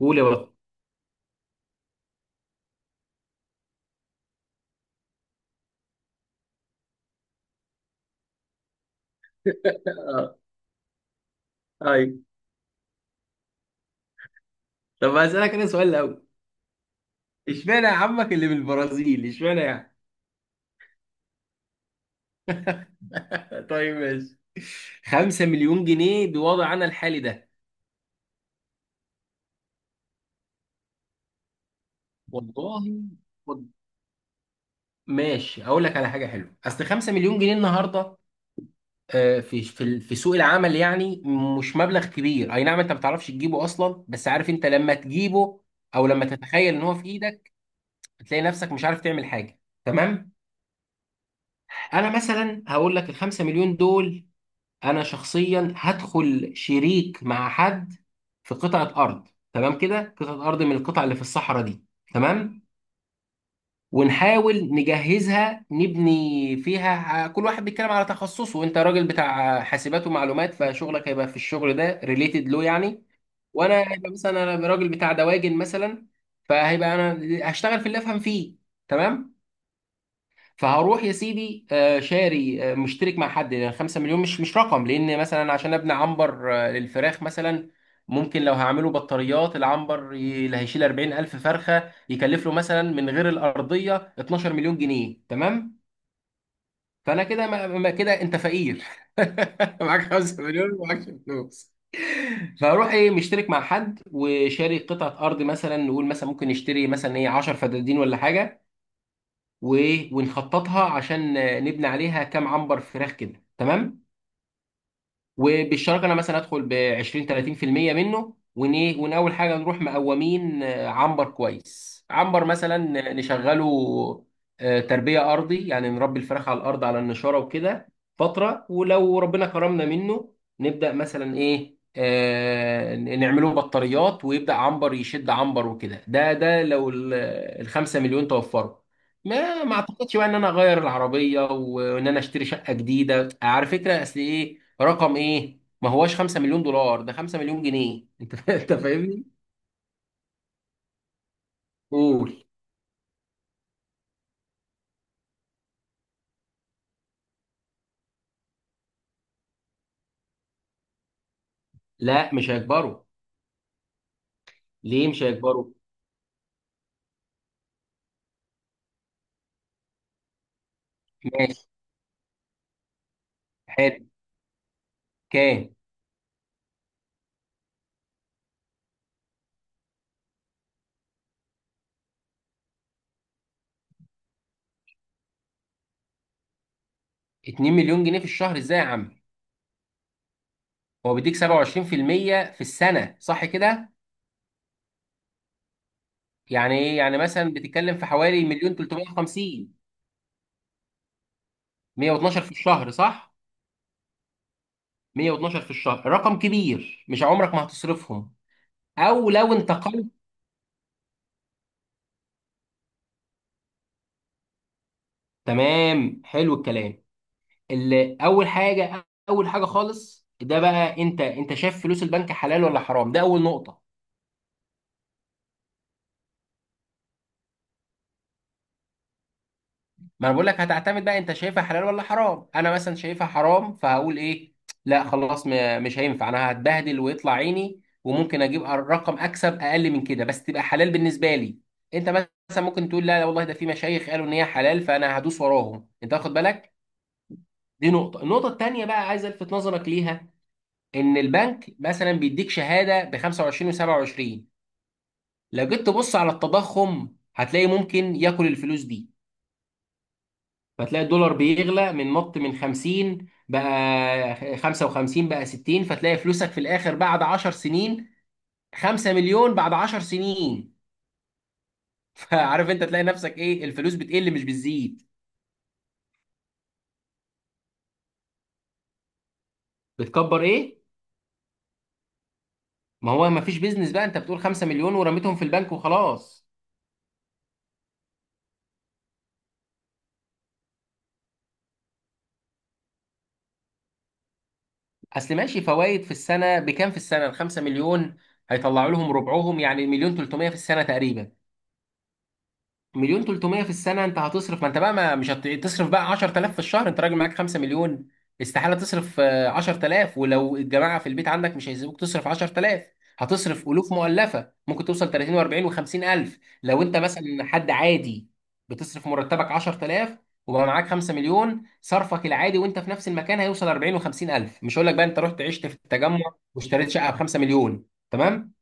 قول يا بطل. اه. ايوه. طب هسألك انا سؤال الاول. اشمعنى يا عمك اللي بالبرازيل، اشمعنى يعني؟ طيب ماشي. 5 مليون جنيه بوضعنا الحالي ده؟ والله خد. ماشي اقول لك على حاجه حلوه. اصل 5 مليون جنيه النهارده في سوق العمل يعني، مش مبلغ كبير. اي نعم، انت ما بتعرفش تجيبه اصلا، بس عارف انت لما تجيبه او لما تتخيل ان هو في ايدك، بتلاقي نفسك مش عارف تعمل حاجه. تمام. انا مثلا هقول لك ال 5 مليون دول، انا شخصيا هدخل شريك مع حد في قطعه ارض. تمام كده، قطعه ارض من القطع اللي في الصحراء دي. تمام. ونحاول نجهزها، نبني فيها. كل واحد بيتكلم على تخصصه، وانت راجل بتاع حاسبات ومعلومات فشغلك هيبقى في الشغل ده ريليتد له يعني. وانا هيبقى مثلا انا راجل بتاع دواجن مثلا، فهيبقى انا هشتغل في اللي افهم فيه. تمام. فهروح يا سيدي شاري، مشترك مع حد، لان 5 مليون مش رقم. لان مثلا عشان ابني عنبر للفراخ مثلا، ممكن لو هعمله بطاريات، العنبر اللي هيشيل 40,000 فرخه يكلف له مثلا من غير الارضيه 12 مليون جنيه. تمام. فانا كده كده انت فقير. معاك 5 مليون ومعاكش فلوس. فاروح ايه مشترك مع حد وشاري قطعه ارض، مثلا نقول مثلا ممكن نشتري مثلا ايه، 10 فدادين ولا حاجه، و- ونخططها عشان نبني عليها كام عنبر فراخ كده. تمام. وبالشراكه انا مثلا ادخل ب 20 30% منه. ون إيه؟ ون اول حاجه نروح مقومين عنبر كويس، عنبر مثلا نشغله تربيه ارضي، يعني نربي الفراخ على الارض على النشاره وكده فتره، ولو ربنا كرمنا منه نبدا مثلا ايه، نعمله بطاريات، ويبدا عنبر يشد عنبر وكده. ده لو الخمسة مليون توفروا، ما اعتقدش بقى ان انا اغير العربيه وان انا اشتري شقه جديده. على فكره اصل ايه، رقم ايه، ما هواش 5 مليون دولار، ده 5 مليون جنيه. انت فاهمني. قول. لا مش هيكبروا. ليه مش هيكبروا؟ ماشي. حلو. كام؟ 2 مليون جنيه في الشهر ازاي يا عم؟ هو بيديك 27% في المية في السنة صح كده؟ يعني ايه يعني؟ مثلا بتتكلم في حوالي مليون 350. 112 في الشهر صح. 112 في الشهر رقم كبير، مش عمرك ما هتصرفهم، او لو انتقلت. تمام حلو الكلام. اللي اول حاجه، اول حاجه خالص ده بقى، انت شايف فلوس البنك حلال ولا حرام؟ ده اول نقطه. ما انا بقول لك هتعتمد بقى انت شايفها حلال ولا حرام. انا مثلا شايفها حرام، فهقول ايه؟ لا خلاص، مش هينفع. انا هتبهدل ويطلع عيني، وممكن اجيب رقم اكسب اقل من كده بس تبقى حلال بالنسبه لي. انت مثلا ممكن تقول لا لا والله، ده في مشايخ قالوا ان هي حلال، فانا هدوس وراهم. انت واخد بالك؟ دي نقطه. النقطه التانيه بقى عايز الفت نظرك ليها، ان البنك مثلا بيديك شهاده ب 25 و27، لو جيت تبص على التضخم هتلاقي ممكن ياكل الفلوس دي. فتلاقي الدولار بيغلى، من نط من 50 بقى 55 بقى 60، فتلاقي فلوسك في الاخر بعد 10 سنين، 5 مليون بعد 10 سنين. فعارف انت تلاقي نفسك ايه، الفلوس بتقل مش بتزيد. بتكبر ايه؟ ما هو ما فيش بيزنس بقى، انت بتقول 5 مليون ورميتهم في البنك وخلاص. اصل ماشي، فوائد في السنه بكام؟ في السنه ال 5 مليون هيطلعوا لهم ربعهم، يعني مليون 300 في السنه تقريبا. مليون 300 في السنة انت هتصرف، ما انت بقى ما مش تصرف بقى 10,000 في الشهر. انت راجل معاك 5 مليون، استحالة تصرف 10,000. ولو الجماعة في البيت عندك مش هيسيبوك تصرف 10,000. هتصرف ألوف مؤلفة، ممكن توصل 30 و40 و50 ألف لو انت مثلا حد عادي. بتصرف مرتبك 10,000، وبقى معاك 5 مليون، صرفك العادي وانت في نفس المكان هيوصل 40 و50 ألف. مش هقول لك بقى انت رحت عشت في التجمع واشتريت شقة ب 5 مليون. تمام.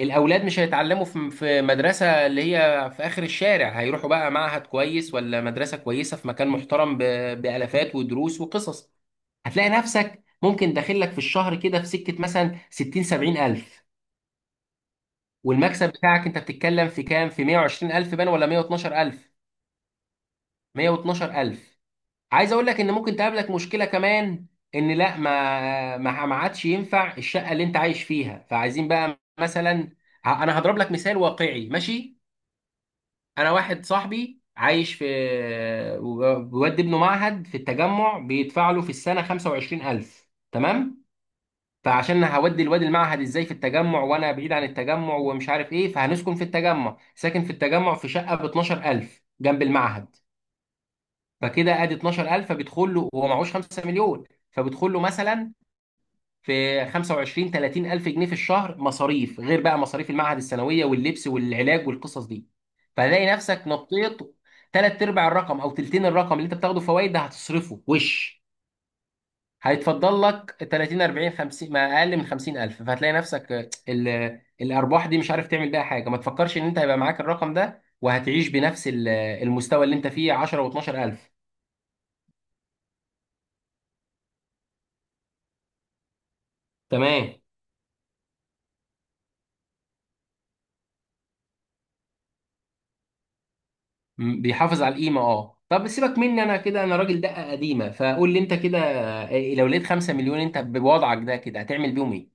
الاولاد مش هيتعلموا في مدرسه اللي هي في اخر الشارع، هيروحوا بقى معهد كويس ولا مدرسه كويسه في مكان محترم، بالافات ودروس وقصص. هتلاقي نفسك ممكن داخل لك في الشهر كده في سكه مثلا 60 70 الف، والمكسب بتاعك انت بتتكلم في كام، في 120 الف بان ولا 112 الف؟ 112 الف. عايز اقول لك ان ممكن تقابلك مشكله كمان، ان لا ما عادش ينفع الشقه اللي انت عايش فيها، فعايزين بقى مثلا. انا هضرب لك مثال واقعي ماشي. انا واحد صاحبي عايش في، بيودي ابنه معهد في التجمع، بيدفع له في السنه 25,000. تمام. فعشان هودي الواد المعهد ازاي في التجمع وانا بعيد عن التجمع ومش عارف ايه، فهنسكن في التجمع. ساكن في التجمع في شقه ب 12,000 جنب المعهد، فكده ادي 12,000. فبيدخل له، هو معهوش 5 مليون، فبيدخل له مثلا في 25 30 الف جنيه في الشهر مصاريف، غير بقى مصاريف المعهد الثانويه واللبس والعلاج والقصص دي. فهتلاقي نفسك نطيت ثلاث ارباع الرقم او تلتين الرقم اللي انت بتاخده فوائد ده، هتصرفه وش. هيتفضل لك 30 40 50، ما اقل من 50 الف. فهتلاقي نفسك الارباح دي مش عارف تعمل بيها حاجه. ما تفكرش ان انت هيبقى معاك الرقم ده وهتعيش بنفس المستوى اللي انت فيه، 10 و12 الف. تمام. بيحافظ على القيمه اه. طب سيبك مني انا، كده انا راجل دقه قديمه. فقول لي انت كده، إيه، لو لقيت 5 مليون انت بوضعك ده كده هتعمل بيهم ايه؟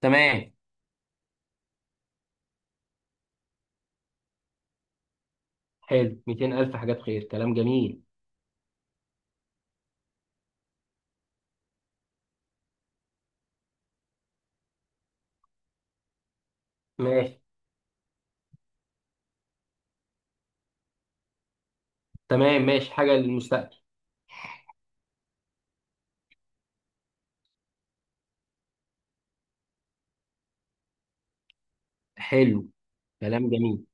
تمام. حلو. 200 الف حاجات خير، كلام جميل. ماشي. تمام ماشي. حاجه للمستقبل. حلو. كلام جميل.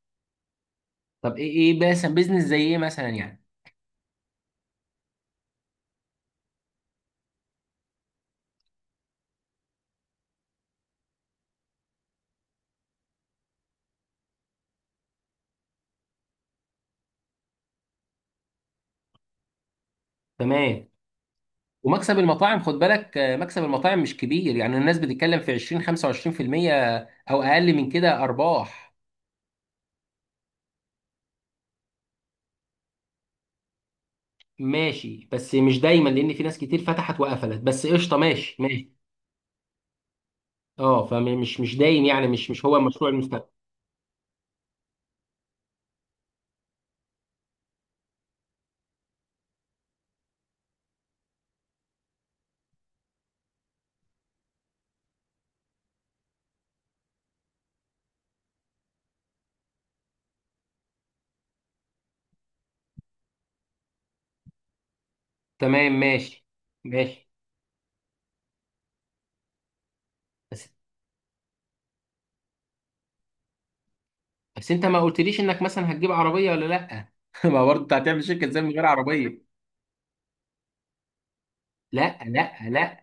طب ايه، ايه مثلا بيزنس زي ايه مثلا يعني؟ تمام. ومكسب المطاعم خد بالك مكسب المطاعم مش كبير، يعني الناس بتتكلم في 20 25% او اقل من كده ارباح. ماشي بس مش دايما، لان في ناس كتير فتحت وقفلت، بس قشطه، ماشي ماشي. اه فمش مش دايم يعني، مش هو مشروع المستقبل. تمام ماشي ماشي. بس بس انت ما قلتليش انك مثلا هتجيب عربيه ولا لا؟ ما برضه انت هتعمل شركه ازاي من غير عربيه؟ لا لا لا،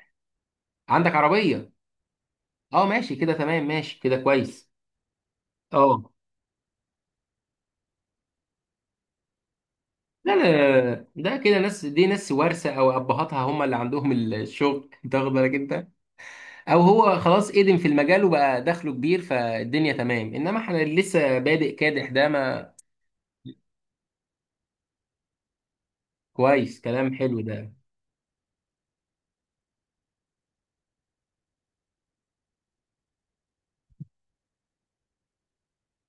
عندك عربيه؟ اه ماشي كده. تمام ماشي كده كويس. اه. لا لا لا، لا. ده كده ناس، دي ناس وارثه او ابهاتها هم اللي عندهم الشغل. انت واخد بالك انت، او هو خلاص قدم في المجال وبقى دخله كبير فالدنيا تمام. انما احنا اللي لسه بادئ كادح ده، ما. كويس كلام حلو ده.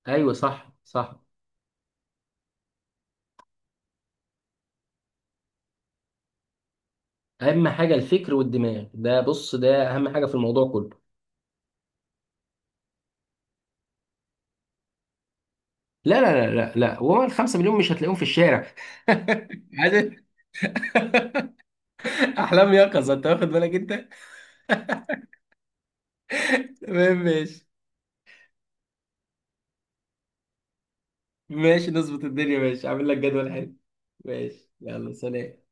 ايوه صح صح. اهم حاجه الفكر والدماغ ده. بص ده اهم حاجه في الموضوع كله. لا لا لا لا لا، وهو الخمسة مليون مش هتلاقيهم في الشارع. عايز احلام يقظه، انت واخد بالك انت؟ تمام ماشي. ماشي نظبط الدنيا. ماشي عامل لك جدول حلو. ماشي يلا سلام.